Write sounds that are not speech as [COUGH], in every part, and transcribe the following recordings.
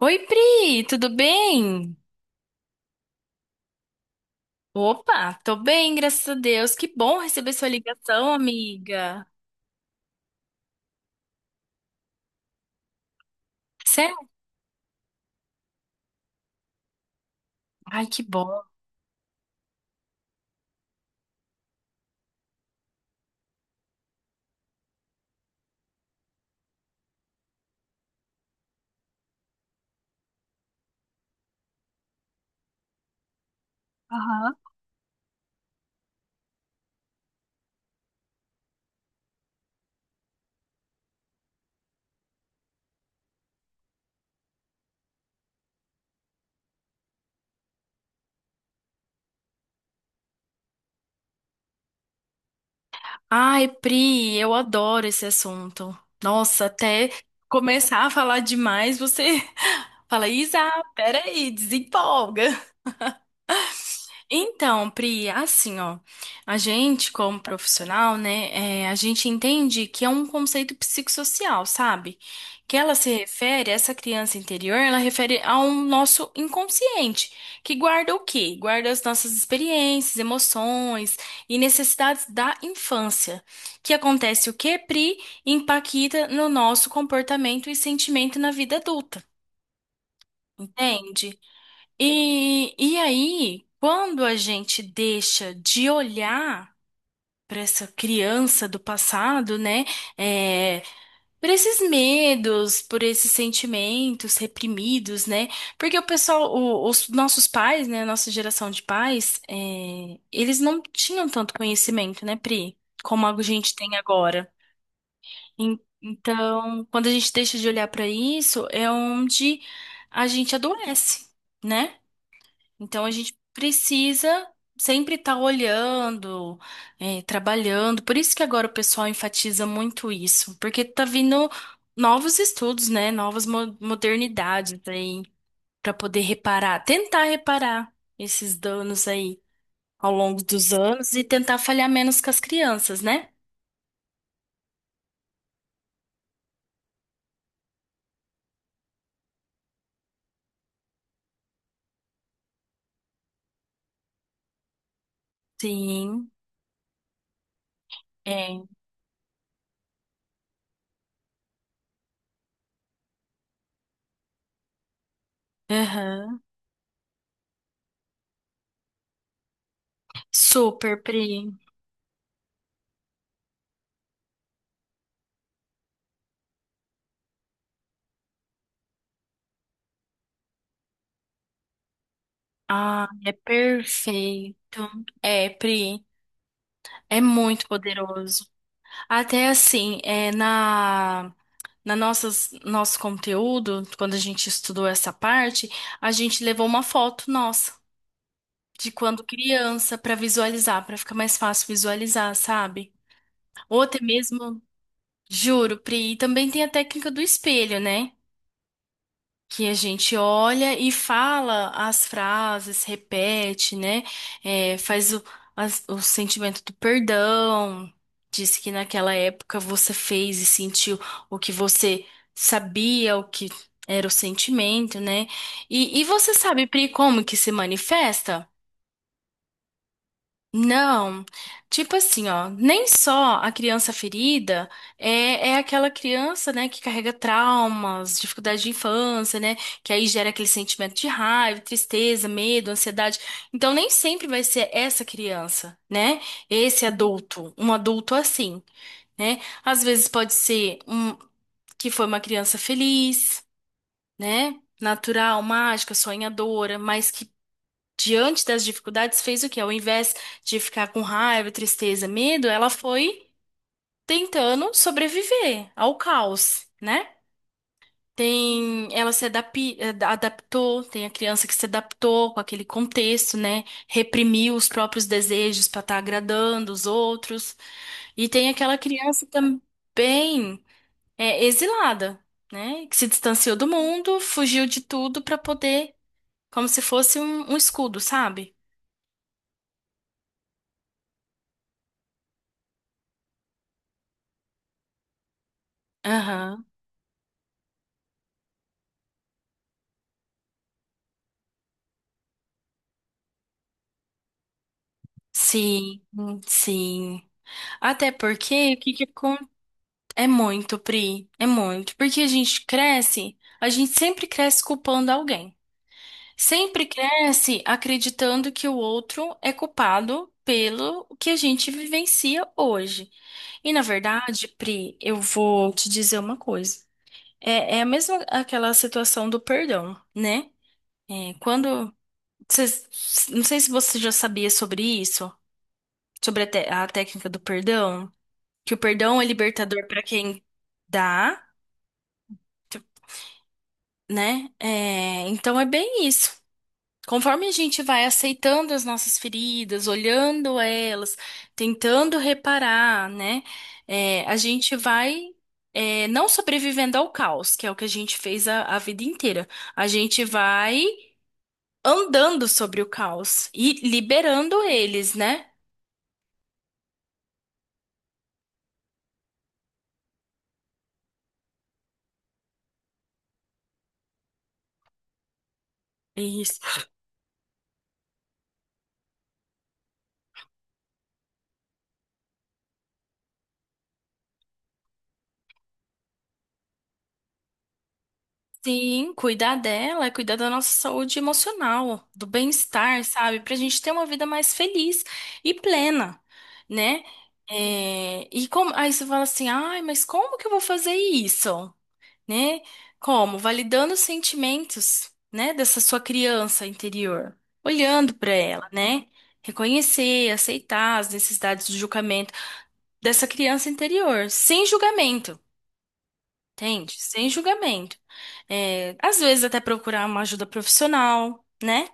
Oi, Pri, tudo bem? Opa, tô bem, graças a Deus. Que bom receber sua ligação, amiga. Sério? Ai, que bom. Ai, Pri, eu adoro esse assunto. Nossa, até começar a falar demais, você [LAUGHS] fala, Isa, peraí, desempolga. Então, Pri, assim, ó, a gente, como profissional, né, a gente entende que é um conceito psicossocial, sabe? Que ela se refere, essa criança interior, ela refere ao nosso inconsciente, que guarda o quê? Guarda as nossas experiências, emoções e necessidades da infância. Que acontece o quê, Pri? Impacta no nosso comportamento e sentimento na vida adulta, entende? E aí, quando a gente deixa de olhar para essa criança do passado, né? É, por esses medos, por esses sentimentos reprimidos, né? Porque o pessoal, os nossos pais, né? A nossa geração de pais, eles não tinham tanto conhecimento, né, Pri? Como a gente tem agora. En- Então, quando a gente deixa de olhar para isso, é onde a gente adoece, né? Então a gente precisa sempre estar olhando, trabalhando. Por isso que agora o pessoal enfatiza muito isso, porque tá vindo novos estudos, né? Novas modernidades aí para poder reparar, tentar reparar esses danos aí ao longo dos anos e tentar falhar menos com as crianças, né? Sim, é. Aham. Super, Pri. Ah, é perfeito. É, Pri, é muito poderoso. Até assim, na nosso conteúdo, quando a gente estudou essa parte, a gente levou uma foto nossa de quando criança para visualizar, para ficar mais fácil visualizar, sabe? Ou até mesmo, juro, Pri, e também tem a técnica do espelho, né? Que a gente olha e fala as frases, repete, né? É, faz o, o sentimento do perdão, diz que naquela época você fez e sentiu o que você sabia, o que era o sentimento, né? E você sabe, Pri, como que se manifesta? Não, tipo assim, ó, nem só a criança ferida é aquela criança, né, que carrega traumas, dificuldade de infância, né, que aí gera aquele sentimento de raiva, tristeza, medo, ansiedade. Então, nem sempre vai ser essa criança, né, esse adulto, um adulto assim, né? Às vezes pode ser um que foi uma criança feliz, né, natural, mágica, sonhadora, mas que diante das dificuldades, fez o quê? Ao invés de ficar com raiva, tristeza, medo, ela foi tentando sobreviver ao caos, né? Tem, ela se adaptou, tem a criança que se adaptou com aquele contexto, né? Reprimiu os próprios desejos para estar agradando os outros. E tem aquela criança também exilada, né? Que se distanciou do mundo, fugiu de tudo para poder, como se fosse um escudo, sabe? Aham. Sim, sim. Até porque o que que é muito, Pri, é muito. Porque a gente cresce, a gente sempre cresce culpando alguém. Sempre cresce acreditando que o outro é culpado pelo que a gente vivencia hoje. E na verdade, Pri, eu vou te dizer uma coisa. É a mesma aquela situação do perdão, né? É, quando cês- não sei se você já sabia sobre isso, sobre a a técnica do perdão. Que o perdão é libertador para quem dá, tu- né? É, então é bem isso. Conforme a gente vai aceitando as nossas feridas, olhando elas, tentando reparar, né? A gente vai não sobrevivendo ao caos, que é o que a gente fez a vida inteira. A gente vai andando sobre o caos e liberando eles, né? Isso. Sim, cuidar dela é cuidar da nossa saúde emocional, do bem-estar, sabe? Pra gente ter uma vida mais feliz e plena, né? Aí você fala assim, ai, mas como que eu vou fazer isso? Né? Como? Validando os sentimentos, né, dessa sua criança interior, olhando pra ela, né? Reconhecer, aceitar as necessidades de julgamento dessa criança interior, sem julgamento. Entende? Sem julgamento. É, às vezes até procurar uma ajuda profissional, né?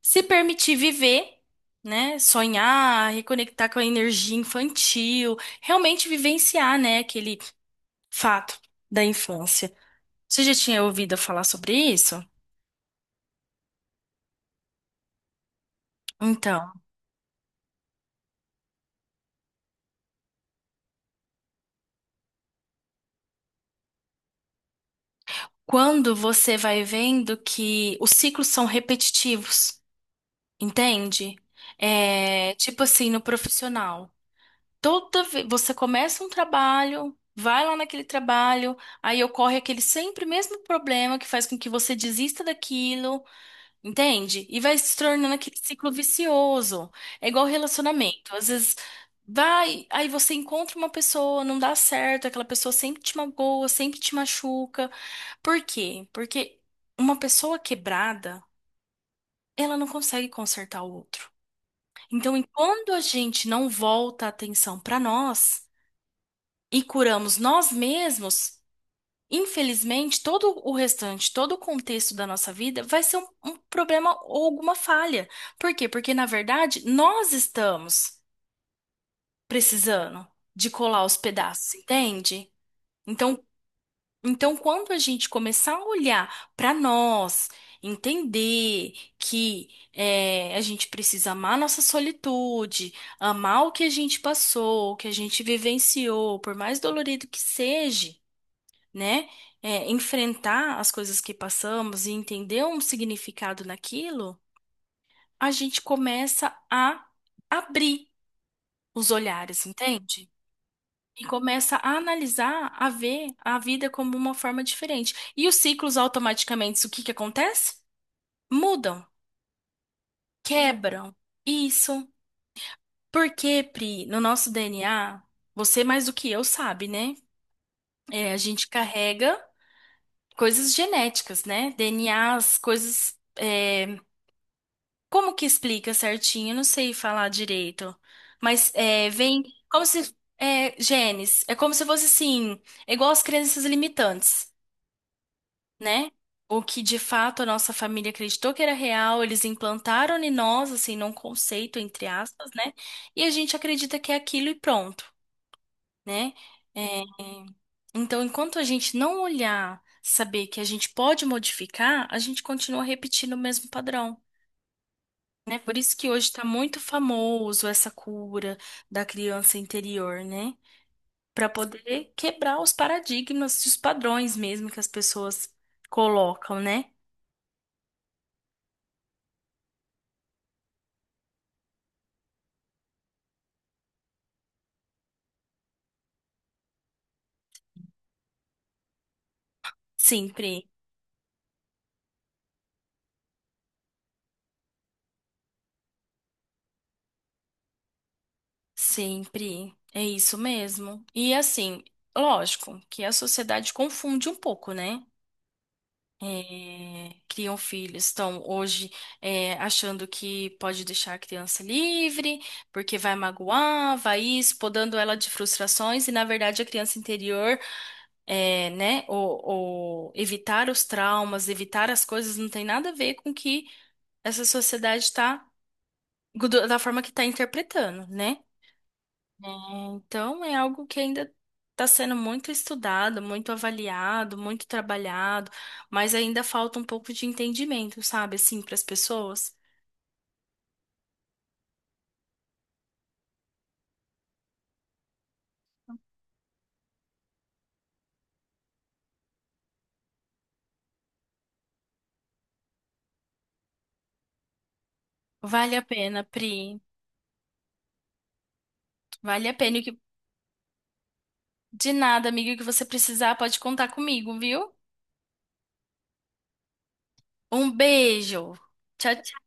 Se permitir viver, né? Sonhar, reconectar com a energia infantil, realmente vivenciar, né, aquele fato da infância. Você já tinha ouvido falar sobre isso? Então, quando você vai vendo que os ciclos são repetitivos, entende? É, tipo assim, no profissional. Toda vez você começa um trabalho, vai lá naquele trabalho, aí ocorre aquele sempre mesmo problema que faz com que você desista daquilo, entende? E vai se tornando aquele ciclo vicioso. É igual relacionamento. Às vezes vai, aí você encontra uma pessoa, não dá certo, aquela pessoa sempre te magoa, sempre te machuca. Por quê? Porque uma pessoa quebrada, ela não consegue consertar o outro. Então, enquanto a gente não volta a atenção para nós, e curamos nós mesmos, infelizmente, todo o restante, todo o contexto da nossa vida vai ser um problema ou alguma falha. Por quê? Porque, na verdade, nós estamos precisando de colar os pedaços, entende? Então, então quando a gente começar a olhar para nós, entender que a gente precisa amar a nossa solitude, amar o que a gente passou, o que a gente vivenciou, por mais dolorido que seja, né? É, enfrentar as coisas que passamos e entender um significado naquilo, a gente começa a abrir os olhares, entende? E começa a analisar, a ver a vida como uma forma diferente. E os ciclos automaticamente, o que que acontece? Mudam, quebram. Isso. Porque, Pri, no nosso DNA, você mais do que eu sabe, né? É, a gente carrega coisas genéticas, né? DNAs, coisas como que explica certinho? Eu não sei falar direito. Mas é, vem como se. É, genes. É como se fosse assim. É igual as crenças limitantes, né? O que de fato a nossa família acreditou que era real, eles implantaram em nós, assim, num conceito, entre aspas, né? E a gente acredita que é aquilo e pronto, né? É, então, enquanto a gente não olhar, saber que a gente pode modificar, a gente continua repetindo o mesmo padrão. Né? Por isso que hoje está muito famoso essa cura da criança interior, né? Para poder quebrar os paradigmas e os padrões mesmo que as pessoas colocam, né? Sempre, sempre. É isso mesmo. E assim, lógico que a sociedade confunde um pouco, né? É, criam filhos, estão hoje é, achando que pode deixar a criança livre, porque vai magoar, vai isso, podando ela de frustrações, e na verdade a criança interior, é, né, ou, ou evitar os traumas, evitar as coisas, não tem nada a ver com o que essa sociedade está, da forma que está interpretando, né? É, então é algo que ainda está sendo muito estudado, muito avaliado, muito trabalhado, mas ainda falta um pouco de entendimento, sabe, assim, para as pessoas. Vale a pena, Pri. Vale a pena. E que- De nada, amiga, o que você precisar, pode contar comigo, viu? Um beijo. Tchau,